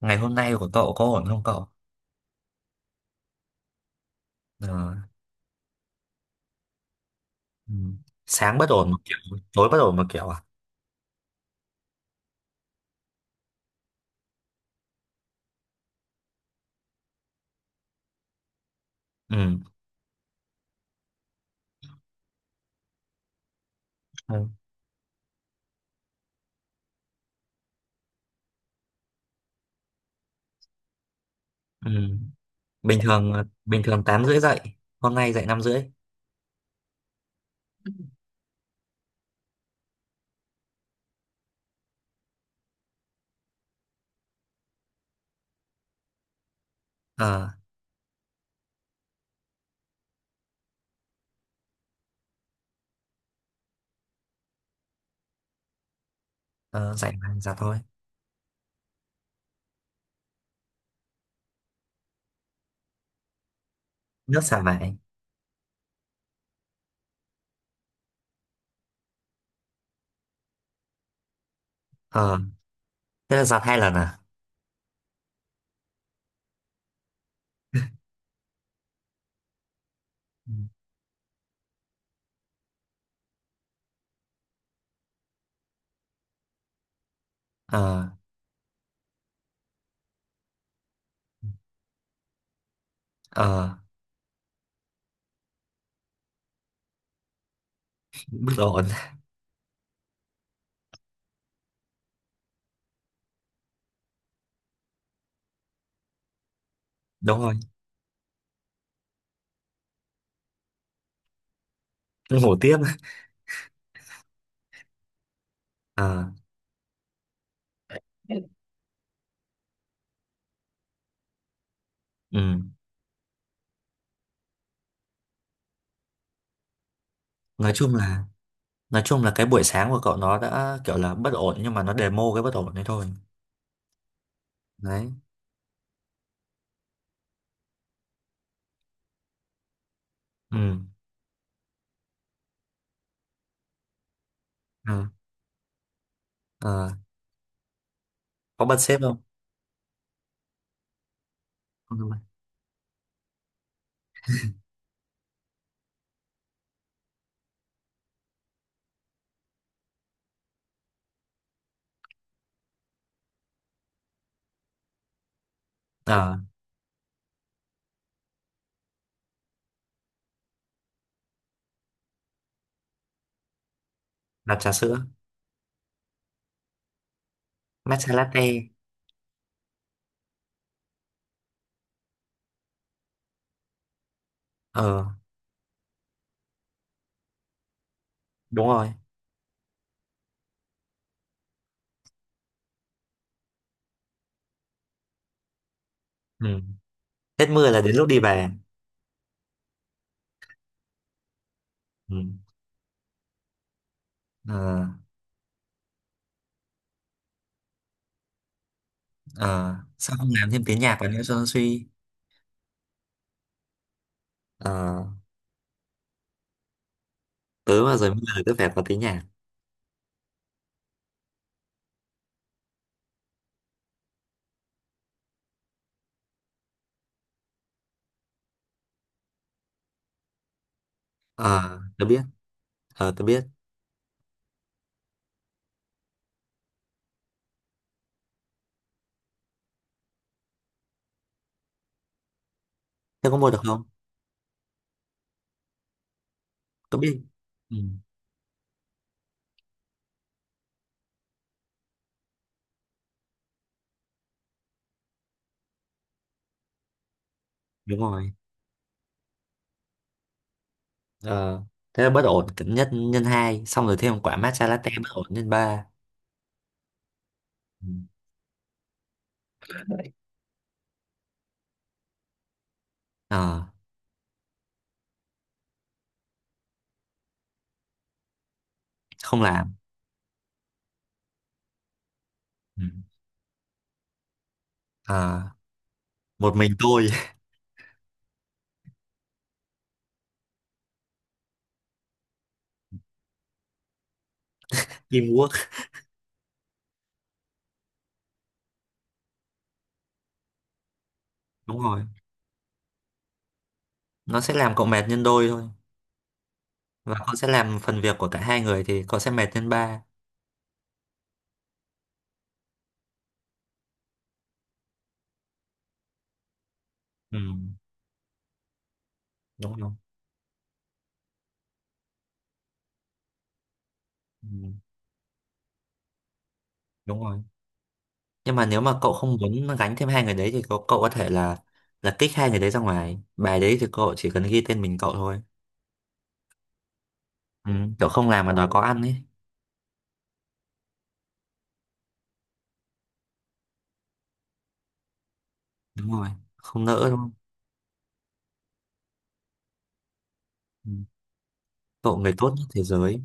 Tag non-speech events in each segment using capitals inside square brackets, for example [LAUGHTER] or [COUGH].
Ngày hôm nay của cậu có ổn không cậu? Ờ, ừ. Sáng bất ổn một kiểu, tối bất ổn một kiểu à? Ừ. Ừ. Ừ. Bình thường bình thường 8 rưỡi dậy, hôm nay dậy năm rưỡi. Ờ, ờ, dậy mà, giặt thôi. Nước xả vải. Ờ, thế là giặt hai lần à? Ừ. Ờ, ờ, bất ổn. [LAUGHS] Đúng rồi, ngủ tiếp. Ờ. Ừ. Nói chung là nói chung là cái buổi sáng của cậu nó đã kiểu là bất ổn nhưng mà nó demo cái bất ổn đấy thôi. Đấy. Ừ. Ừ. Ờ, có bật sếp không? Không. Ờ, làm trà sữa matcha latte. Ờ, đúng rồi. Ừ. Hết mưa là đến lúc đi về. Ừ. Ờ, ờ, sao không làm thêm tiếng nhạc vào nữa cho nó suy? Ờ, tớ mà rồi mưa là tớ phải có tiếng nhạc. Ờ, tớ biết. Ờ, tớ biết. Thế có mua được không? Tớ biết. Ừ. Đúng rồi. Ờ, thế là bất ổn nhất nhân hai xong rồi thêm quả matcha latte bất ổn nhân ba. Ừ. Ờ, không làm. Ừ. Ờ, một mình tôi. [LAUGHS] Teamwork. Đúng rồi, nó sẽ làm cậu mệt nhân đôi thôi. Và con sẽ làm phần việc của cả hai người thì cậu sẽ mệt lên ba. Ừ, đúng rồi. Ừ, đúng rồi. Nhưng mà nếu mà cậu không muốn gánh thêm hai người đấy thì cậu có thể là kích hai người đấy ra ngoài bài đấy thì cậu chỉ cần ghi tên mình cậu thôi. Ừ, kiểu không làm mà đòi có ăn ấy. Đúng rồi, không nỡ đúng không. Ừ. Cậu người tốt nhất thế giới.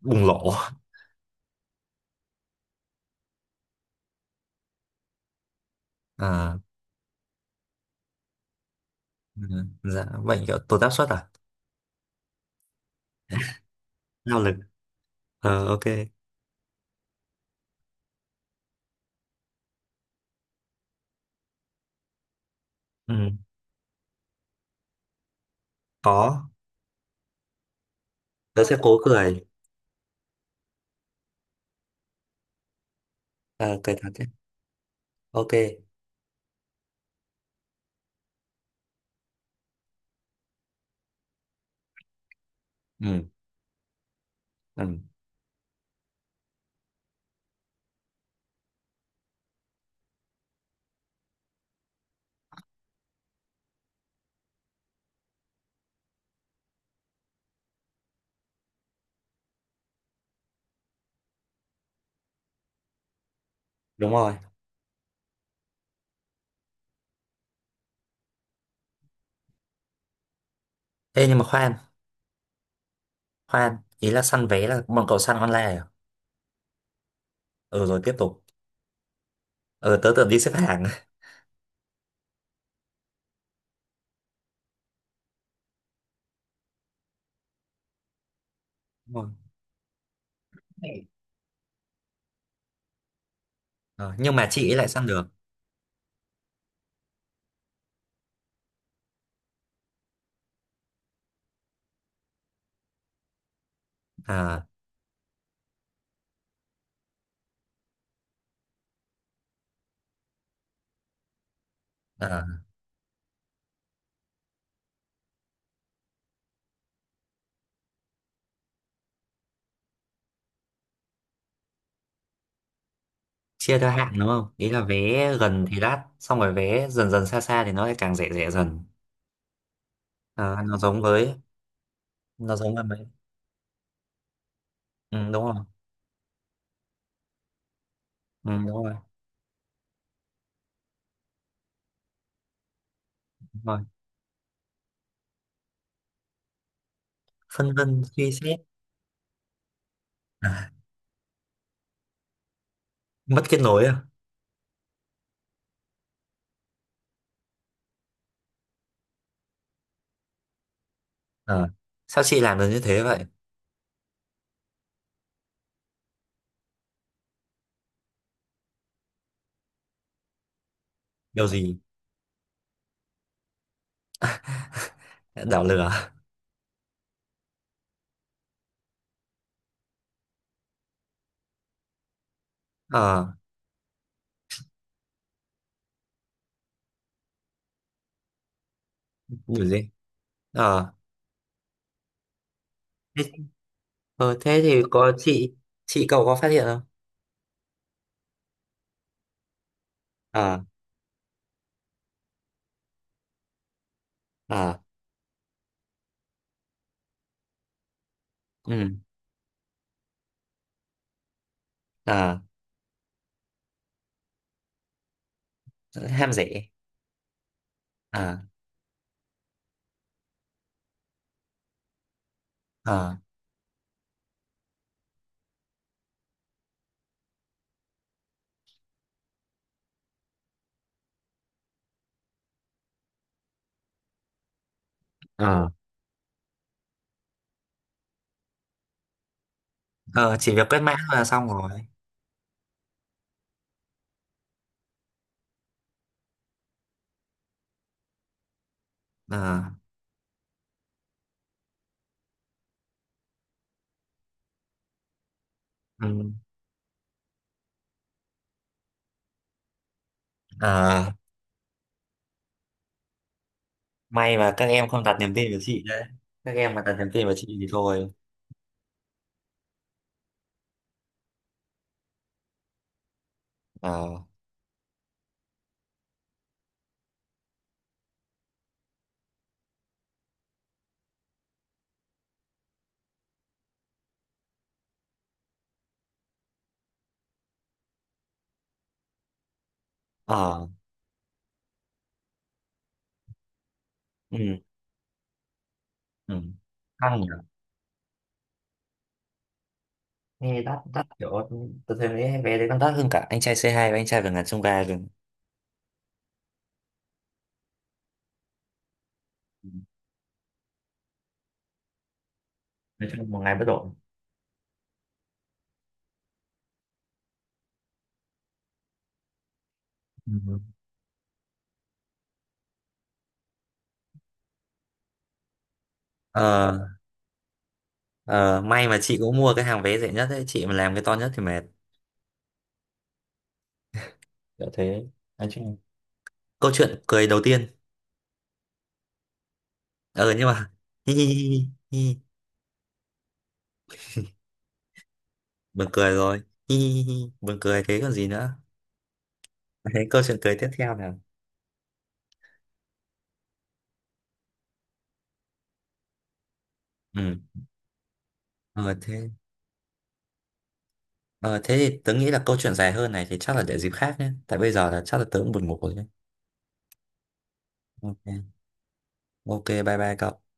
Bùng lộ. À, ừ, dạ bệnh kiểu tụt áp suất à? Lao lực. Ờ, ok. Ừ, có. Tớ sẽ cố cười. Ờ, cười thật đấy. Ok. Ừ, ừ, đúng rồi. Ê nhưng mà khoan. Khoan, ý là săn vé là bọn cậu săn online à? Ừ rồi tiếp tục. Ừ tớ tưởng đi xếp hàng. Đúng rồi. [LAUGHS] Ờ, nhưng mà chị ấy lại săn được. À, à, chia theo hạng đúng không? Ý là vé gần thì đắt, xong rồi vé dần dần xa xa thì nó lại càng rẻ rẻ dần. Ờ, nó giống với mấy. Ừ, đúng rồi. Ừ, đúng rồi. Đúng rồi. Phân vân suy xét. À, mất kết nối à? Ờ, sao chị làm được như thế vậy? Điều gì đảo lửa? Ờ, điều gì? Ờ, thế, ờ, thế thì có chị cậu có phát hiện không? Ờ. Ờ. Ừ. Ờ. Ham rẻ. Ờ. Ờ. Ờ. Ờ, chỉ việc quét mã là xong rồi. Ờ. Ừ. Ờ, may mà các em không đặt niềm tin vào chị đấy. Các em mà đặt niềm tin vào chị thì thôi. Ờ. Ờ. Ừ. Ừ, căng nhỉ. Nghe đắt đắt kiểu tôi thấy mấy vé đấy còn đắt hơn cả anh trai c hai và anh trai vượt ngàn chông gai rồi. Ừ. Nói chung một ngày bất ổn. Ừ. Ờ, ờ, may mà chị cũng mua cái hàng vé rẻ nhất ấy, chị mà làm cái to nhất thì mệt. Kiểu thế. Nói chung câu chuyện cười đầu tiên. Ờ nhưng mà hi hi hi hi hi. Buồn cười rồi. Hi hi hi hi. Buồn cười thế còn gì nữa. Thế câu chuyện cười tiếp theo nào. Ừ. Ờ thế. Ờ, thế thì tớ nghĩ là câu chuyện dài hơn này thì chắc là để dịp khác nhé, tại bây giờ là chắc là tớ cũng buồn ngủ rồi nhé. Ok. Ok bye bye cậu.